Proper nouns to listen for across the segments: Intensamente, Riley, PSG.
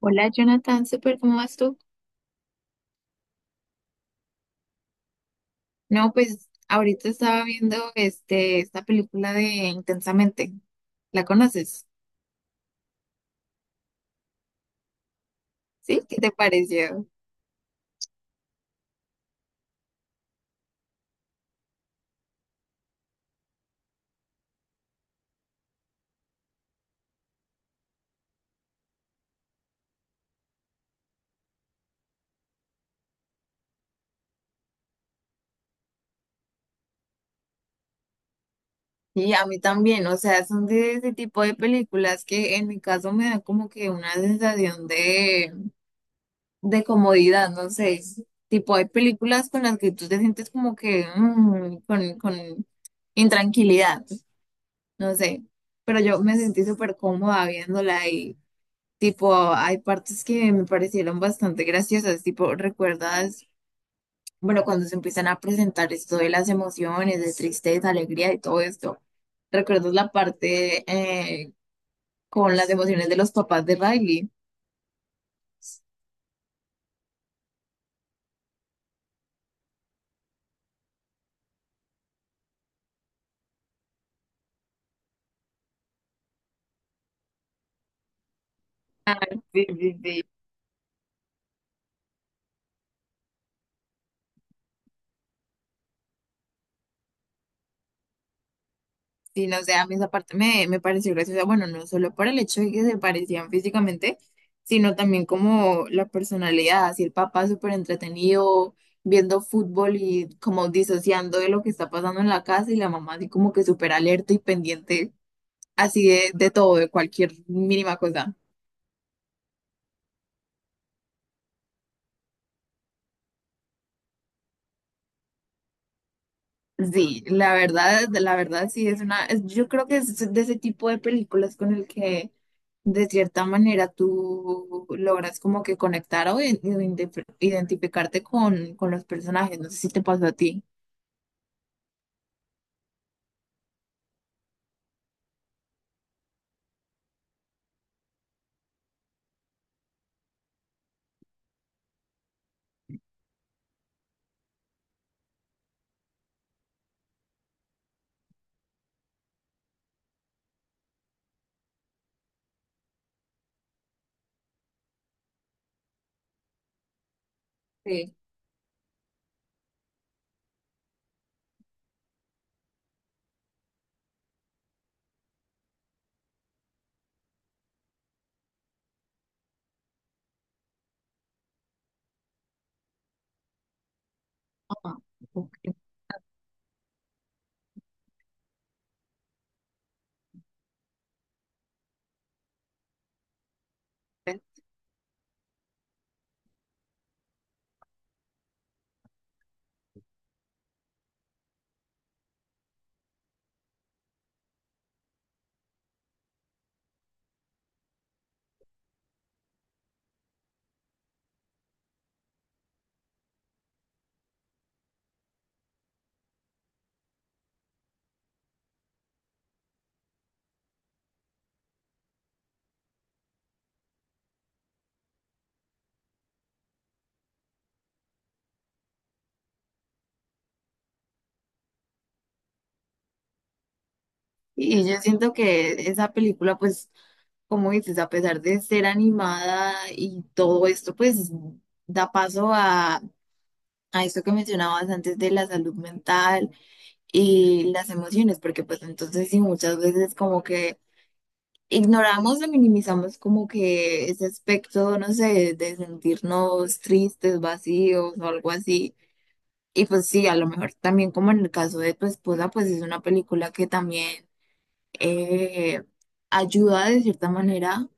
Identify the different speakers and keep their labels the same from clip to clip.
Speaker 1: Hola Jonathan, súper, ¿cómo vas tú? No, pues ahorita estaba viendo esta película de Intensamente. ¿La conoces? ¿Sí? ¿Qué te pareció? Y a mí también, o sea, son de ese tipo de películas que en mi caso me da como que una sensación de comodidad, no sé, es tipo hay películas con las que tú te sientes como que con intranquilidad, no sé, pero yo me sentí súper cómoda viéndola. Tipo, hay partes que me parecieron bastante graciosas, tipo, ¿recuerdas? Bueno, cuando se empiezan a presentar esto de las emociones, de tristeza, alegría y todo esto, ¿recuerdas la parte con las emociones de los papás de Riley? Sí, sí, sí. Sí, no, o sea, a mí esa parte me pareció graciosa, bueno, no solo por el hecho de que se parecían físicamente, sino también como la personalidad, así el papá súper entretenido viendo fútbol y como disociando de lo que está pasando en la casa y la mamá así como que súper alerta y pendiente así de todo, de cualquier mínima cosa. Sí, la verdad sí yo creo que es de ese tipo de películas con el que de cierta manera tú logras como que conectar o identificarte con los personajes. No sé si te pasó a ti. Sí. Ajá. Ok. Y yo siento que esa película, pues, como dices, a pesar de ser animada y todo esto, pues da paso a esto que mencionabas antes de la salud mental y las emociones, porque pues entonces sí, muchas veces como que ignoramos o minimizamos como que ese aspecto, no sé, de sentirnos tristes, vacíos o algo así. Y pues sí, a lo mejor también como en el caso de tu esposa, pues es una película que también eh, ayuda de cierta manera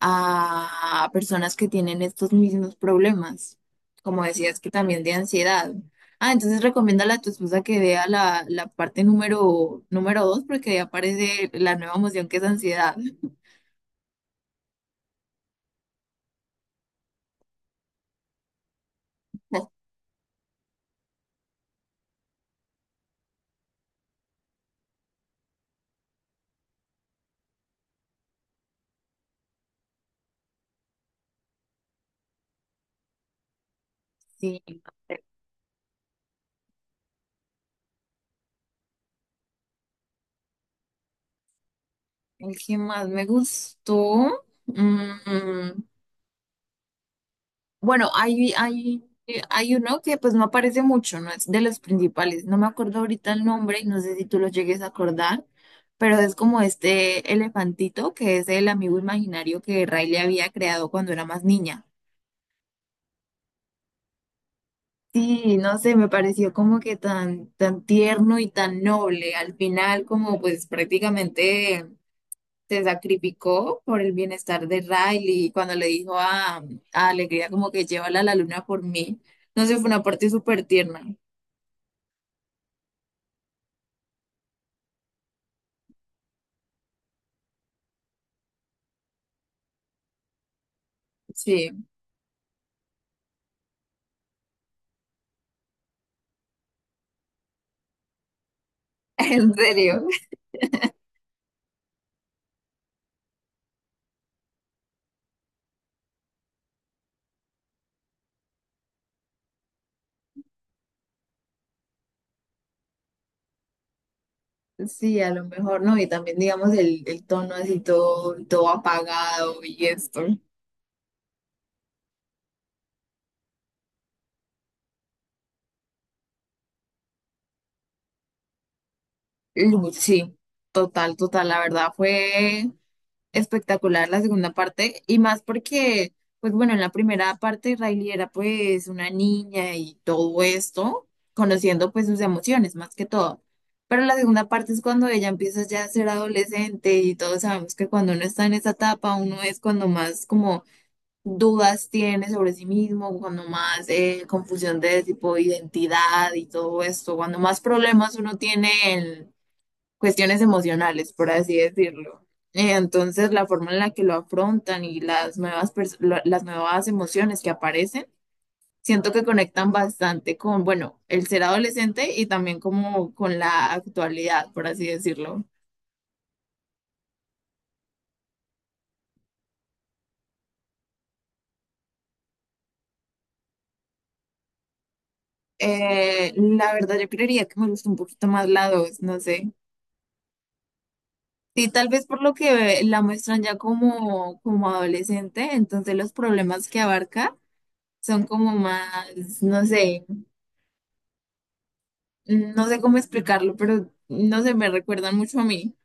Speaker 1: a personas que tienen estos mismos problemas, como decías que también de ansiedad. Ah, entonces recomiéndale a tu esposa que vea la parte número dos porque ahí aparece la nueva emoción que es ansiedad. Sí. El que más me gustó. Bueno, hay uno que pues no aparece mucho, no es de los principales. No me acuerdo ahorita el nombre y no sé si tú lo llegues a acordar, pero es como este elefantito que es el amigo imaginario que Ray le había creado cuando era más niña. Sí, no sé, me pareció como que tan tierno y tan noble. Al final, como pues prácticamente se sacrificó por el bienestar de Riley y cuando le dijo a Alegría como que llévala a la luna por mí. No sé, fue una parte súper tierna. Sí, en serio. Sí, a lo mejor no. Y también, digamos, el tono así todo, todo apagado y esto. Sí, total, total. La verdad fue espectacular la segunda parte y más porque, pues bueno, en la primera parte Riley era pues una niña y todo esto, conociendo pues sus emociones más que todo. Pero la segunda parte es cuando ella empieza ya a ser adolescente y todos sabemos que cuando uno está en esa etapa, uno es cuando más como dudas tiene sobre sí mismo, cuando más confusión de tipo identidad y todo esto, cuando más problemas uno tiene en cuestiones emocionales, por así decirlo. Entonces, la forma en la que lo afrontan y las las nuevas emociones que aparecen, siento que conectan bastante con, bueno, el ser adolescente y también como con la actualidad, por así decirlo. La verdad, yo creería que me gusta un poquito más la 2, no sé. Sí, tal vez por lo que la muestran ya como adolescente, entonces los problemas que abarca son como más, no sé. No sé cómo explicarlo, pero no sé, me recuerdan mucho a mí.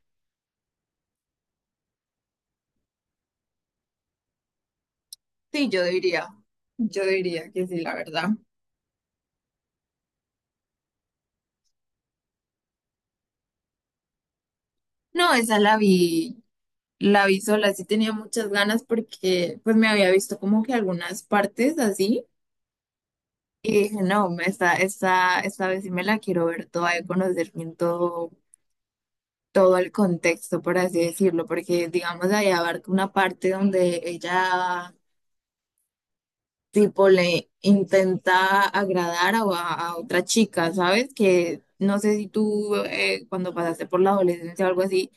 Speaker 1: Sí, yo diría que sí, la verdad. No, esa la vi sola, sí tenía muchas ganas porque pues me había visto como que algunas partes así y dije, no, esta vez sí me la quiero ver toda y conocer bien todo, todo el contexto, por así decirlo, porque digamos ahí abarca una parte donde ella tipo le intenta agradar a otra chica, ¿sabes? Que no sé si tú cuando pasaste por la adolescencia o algo así,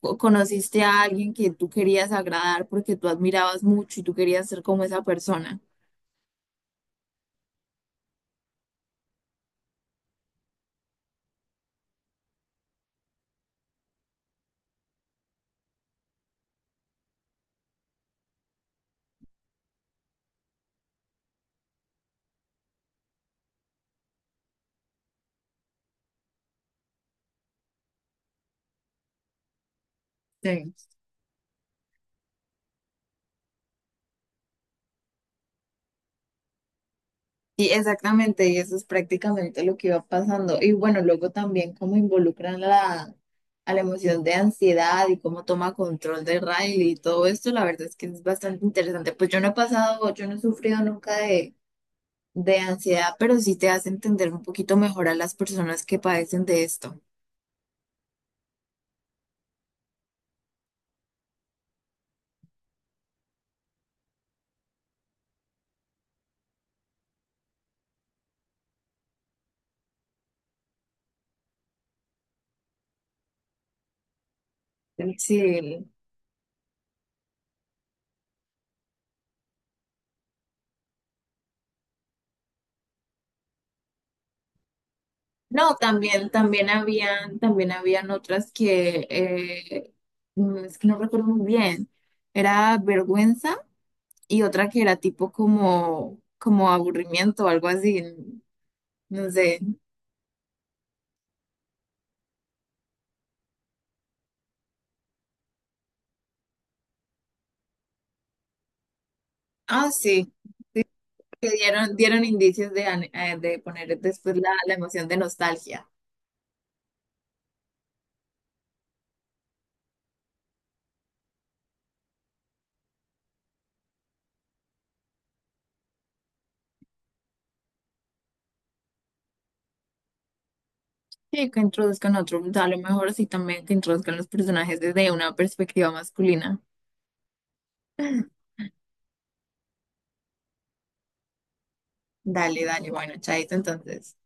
Speaker 1: conociste a alguien que tú querías agradar porque tú admirabas mucho y tú querías ser como esa persona. Sí. Sí, exactamente, y eso es prácticamente lo que iba pasando. Y bueno, luego también cómo involucran a la emoción de ansiedad y cómo toma control de Riley y todo esto, la verdad es que es bastante interesante. Pues yo no he pasado, yo no he sufrido nunca de de ansiedad, pero sí te hace entender un poquito mejor a las personas que padecen de esto. Sí. No, también, también habían otras que es que no recuerdo muy bien. Era vergüenza y otra que era tipo como, como aburrimiento o algo así. No sé. Ah, sí, que dieron, dieron indicios de, de poner después la emoción de nostalgia. Sí, que introduzcan otro, a lo mejor sí también que introduzcan los personajes desde una perspectiva masculina. Dale, dale, bueno, chaito entonces.